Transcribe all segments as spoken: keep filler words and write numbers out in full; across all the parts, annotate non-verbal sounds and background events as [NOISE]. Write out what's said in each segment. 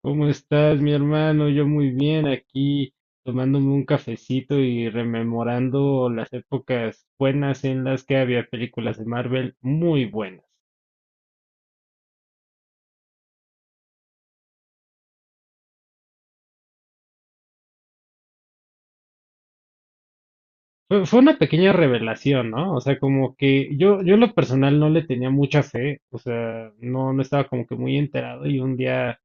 ¿Cómo estás, mi hermano? Yo muy bien, aquí tomándome un cafecito y rememorando las épocas buenas en las que había películas de Marvel muy buenas. Fue, fue una pequeña revelación, ¿no? O sea, como que yo, yo en lo personal no le tenía mucha fe, o sea, no, no estaba como que muy enterado y un día.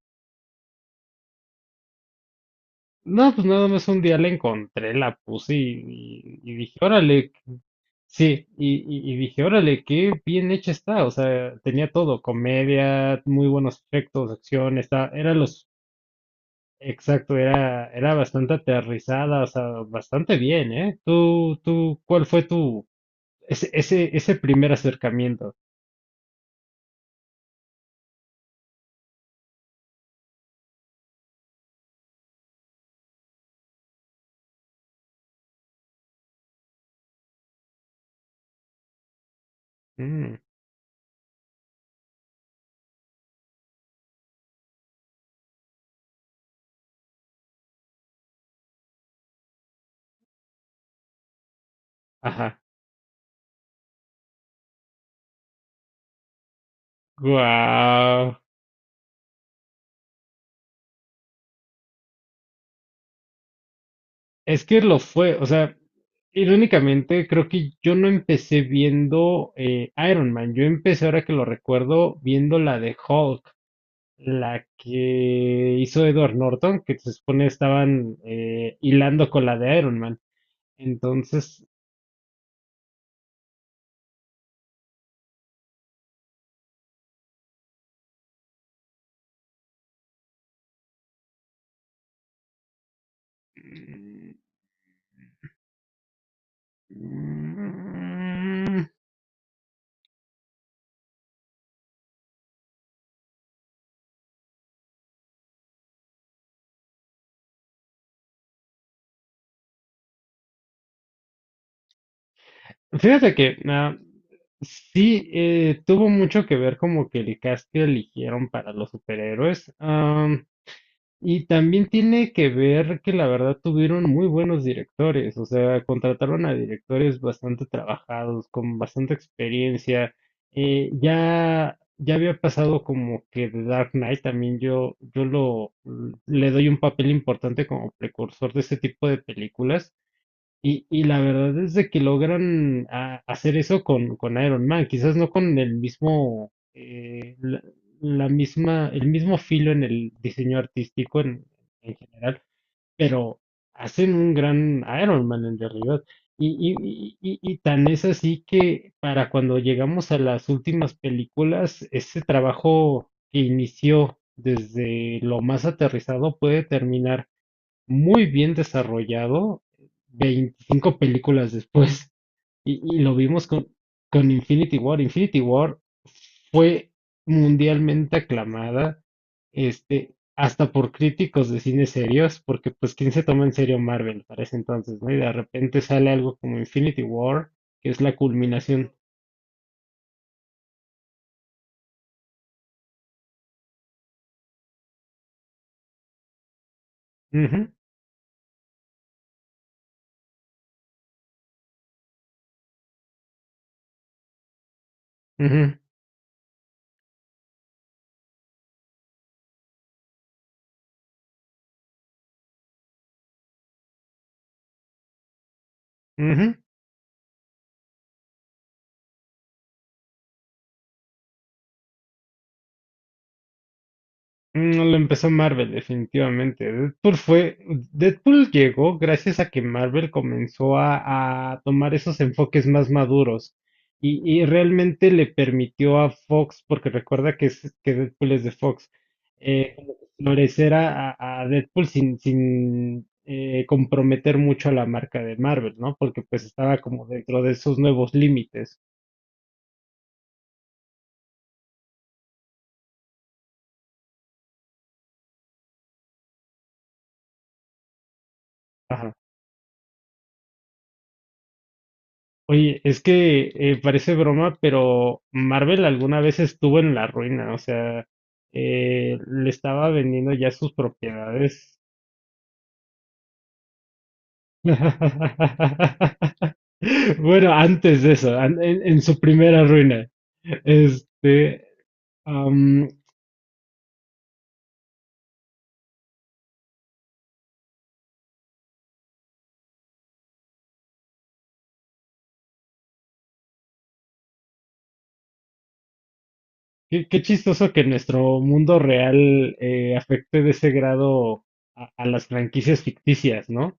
No, pues nada más un día la encontré, la puse y, y- y dije, órale, qué-, sí, y, y- y dije, órale, qué bien hecha está, o sea, tenía todo, comedia, muy buenos efectos, acción, está, era los, exacto, era, era bastante aterrizada, o sea, bastante bien, ¿eh? Tú, tú, ¿cuál fue tu, ese, ese, ese primer acercamiento? Mm, ajá, guau. Es que lo fue, o sea, irónicamente creo que yo no empecé viendo eh, Iron Man, yo empecé ahora que lo recuerdo viendo la de Hulk, la que hizo Edward Norton, que se supone estaban eh, hilando con la de Iron Man. Entonces, mm, fíjate que ah, sí, eh, tuvo mucho que ver como que el cast que eligieron para los superhéroes. Ah, Y también tiene que ver que la verdad tuvieron muy buenos directores, o sea, contrataron a directores bastante trabajados, con bastante experiencia. Eh, ya, ya había pasado como que The Dark Knight también yo, yo lo le doy un papel importante como precursor de este tipo de películas. Y, y la verdad es de que logran a- hacer eso con, con Iron Man, quizás no con el mismo, eh, la, la misma, el mismo filo en el diseño artístico en, en general, pero hacen un gran Iron Man en realidad. Y, y, y, y y tan es así que para cuando llegamos a las últimas películas, ese trabajo que inició desde lo más aterrizado puede terminar muy bien desarrollado veinticinco películas después. Y, y lo vimos con, con Infinity War. Infinity War fue mundialmente aclamada, este, hasta por críticos de cine serios, porque pues quién se toma en serio Marvel para ese entonces, ¿no? Y de repente sale algo como Infinity War, que es la culminación. Ujú, ujú, ujú. Mm, no lo empezó Marvel, definitivamente. Deadpool fue, Deadpool llegó gracias a que Marvel comenzó a, a tomar esos enfoques más maduros y, y realmente le permitió a Fox, porque recuerda que, es- que Deadpool es de Fox, eh, como que florecer a, a- a Deadpool sin, sin eh, comprometer mucho a la marca de Marvel, ¿no? Porque pues estaba como dentro de esos nuevos límites. Oye, es que eh, parece broma, pero Marvel alguna vez estuvo en la ruina, o sea, eh, le estaba vendiendo ya sus propiedades. [LAUGHS] Bueno, antes de eso, an- en, en su primera ruina. Este, am, qué, qué chistoso que nuestro mundo real eh, afecte de ese grado a, a las franquicias ficticias, ¿no?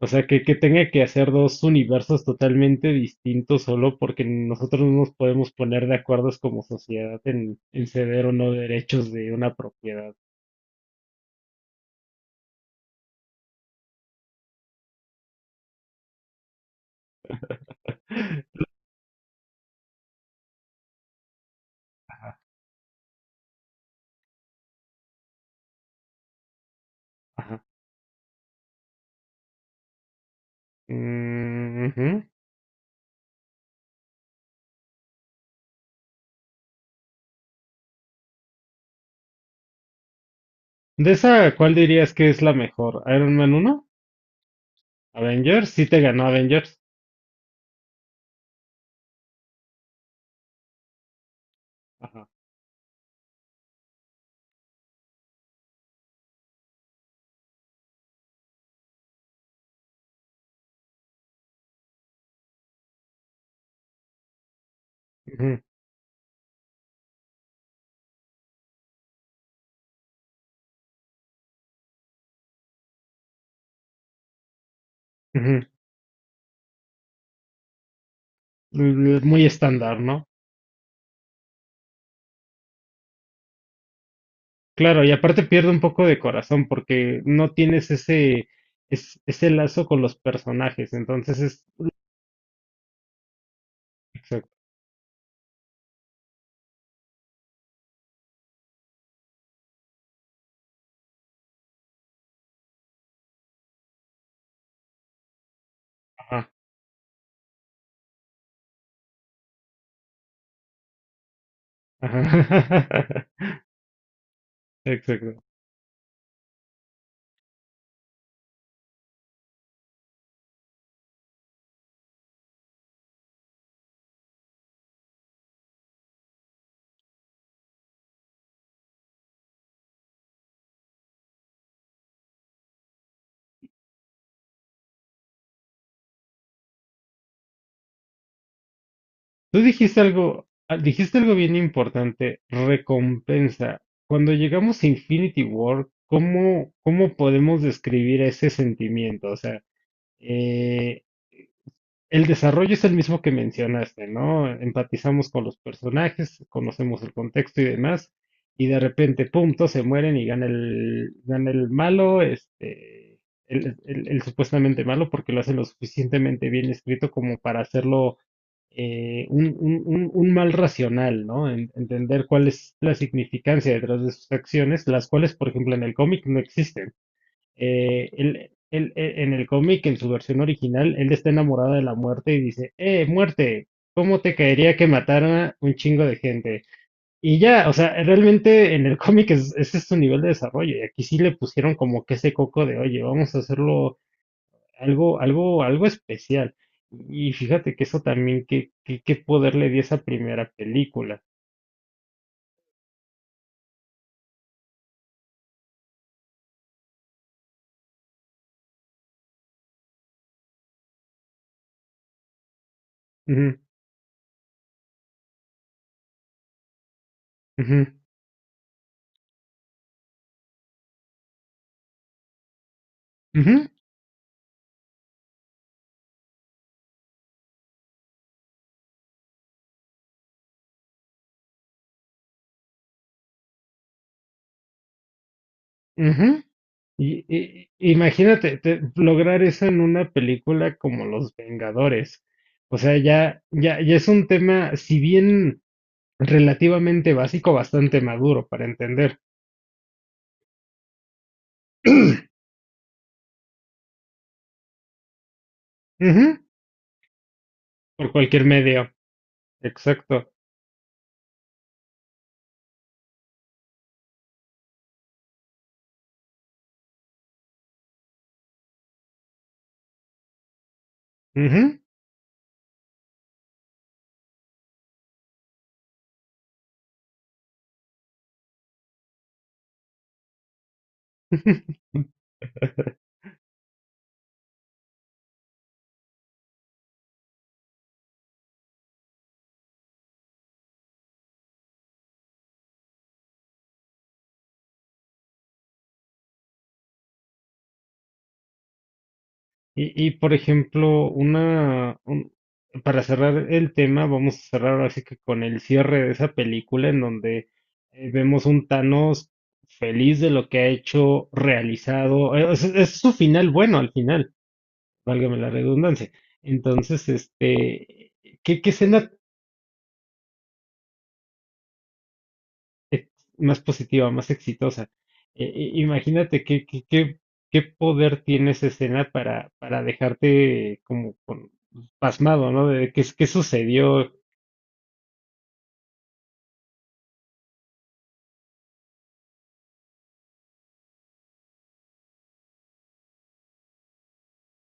O sea, que, que tenga que hacer dos universos totalmente distintos solo porque nosotros no nos podemos poner de acuerdos como sociedad en, en ceder o no derechos de una propiedad. Ajá. Mm, ujú. De esa, ¿cuál dirías que es la mejor? ¿Iron Man uno? ¿Avengers? Sí te ganó Avengers. Ajá. Ujú, ujú. L- muy estándar, ¿no? Claro, y aparte pierde un poco de corazón porque no tienes ese, es- ese lazo con los personajes, entonces es... Exacto. Ajá. [LAUGHS] Exacto. Tú dijiste algo, ah, dijiste algo bien importante, recompensa. Cuando llegamos a Infinity War, ¿cómo, ¿cómo podemos describir ese sentimiento? O sea, eh, el desarrollo es el mismo que mencionaste, ¿no? Empatizamos con los personajes, conocemos el contexto y demás, y de repente, pum, todos se mueren y gana el, gana el malo, este, el, el- el supuestamente malo, porque lo hace lo suficientemente bien escrito como para hacerlo eh, un, un- un- un mal racional, ¿no? En- entender cuál es la significancia detrás de sus acciones, las cuales, por ejemplo, en el cómic no existen eh, él, él- él- en el cómic, en su versión original, él está enamorado de la muerte y dice, eh, muerte, ¿cómo te caería que matara un chingo de gente? Y ya, o sea, realmente en el cómic es, ese es su nivel de desarrollo y aquí sí le pusieron como que ese coco de, oye, vamos a hacerlo algo, algo, algo especial. Y fíjate que eso también, qué, qué, qué poder le dio esa primera película. Ujú, ujú, ujú, ujú. Y, y- imagínate te- lograr eso en una película como Los Vengadores. O sea, ya, ya, ya es un tema, si bien relativamente básico, bastante maduro para entender. Ujú, por cualquier medio. Exacto. Ujú. Y, y, por ejemplo, una, un- para cerrar el tema, vamos a cerrar ahora sí que con el cierre de esa película en donde eh, vemos un Thanos feliz de lo que ha hecho, realizado. eh, Es, es su final bueno al final, válgame la redundancia. Entonces, este, ¿qué, qué escena ex- más positiva, más exitosa. Eh, eh, imagínate qué, qué, qué, qué poder tiene esa escena para, para dejarte como con- pasmado, ¿no? De qué, qué sucedió.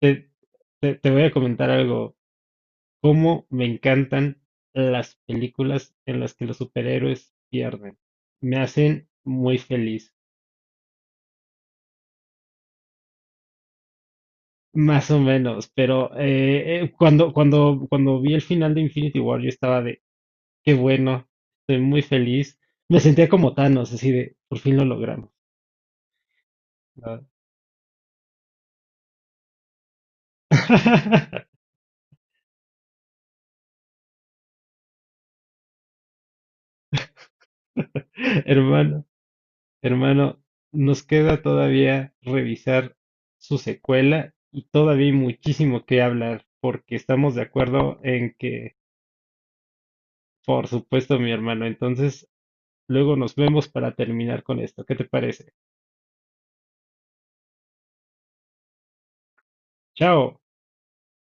Te, te, te voy a comentar algo. Cómo me encantan las películas en las que los superhéroes pierden. Me hacen muy feliz. Más o menos, pero eh, eh, cuando, cuando, cuando vi el final de Infinity War, yo estaba de, qué bueno, estoy muy feliz. Me sentía como Thanos, así de, por fin lo logramos. Ah. [LAUGHS] Hermano, hermano, nos queda todavía revisar su secuela y todavía hay muchísimo que hablar, porque estamos de acuerdo en que, por supuesto, mi hermano, entonces luego nos vemos para terminar con esto. ¿Qué te parece? Chao.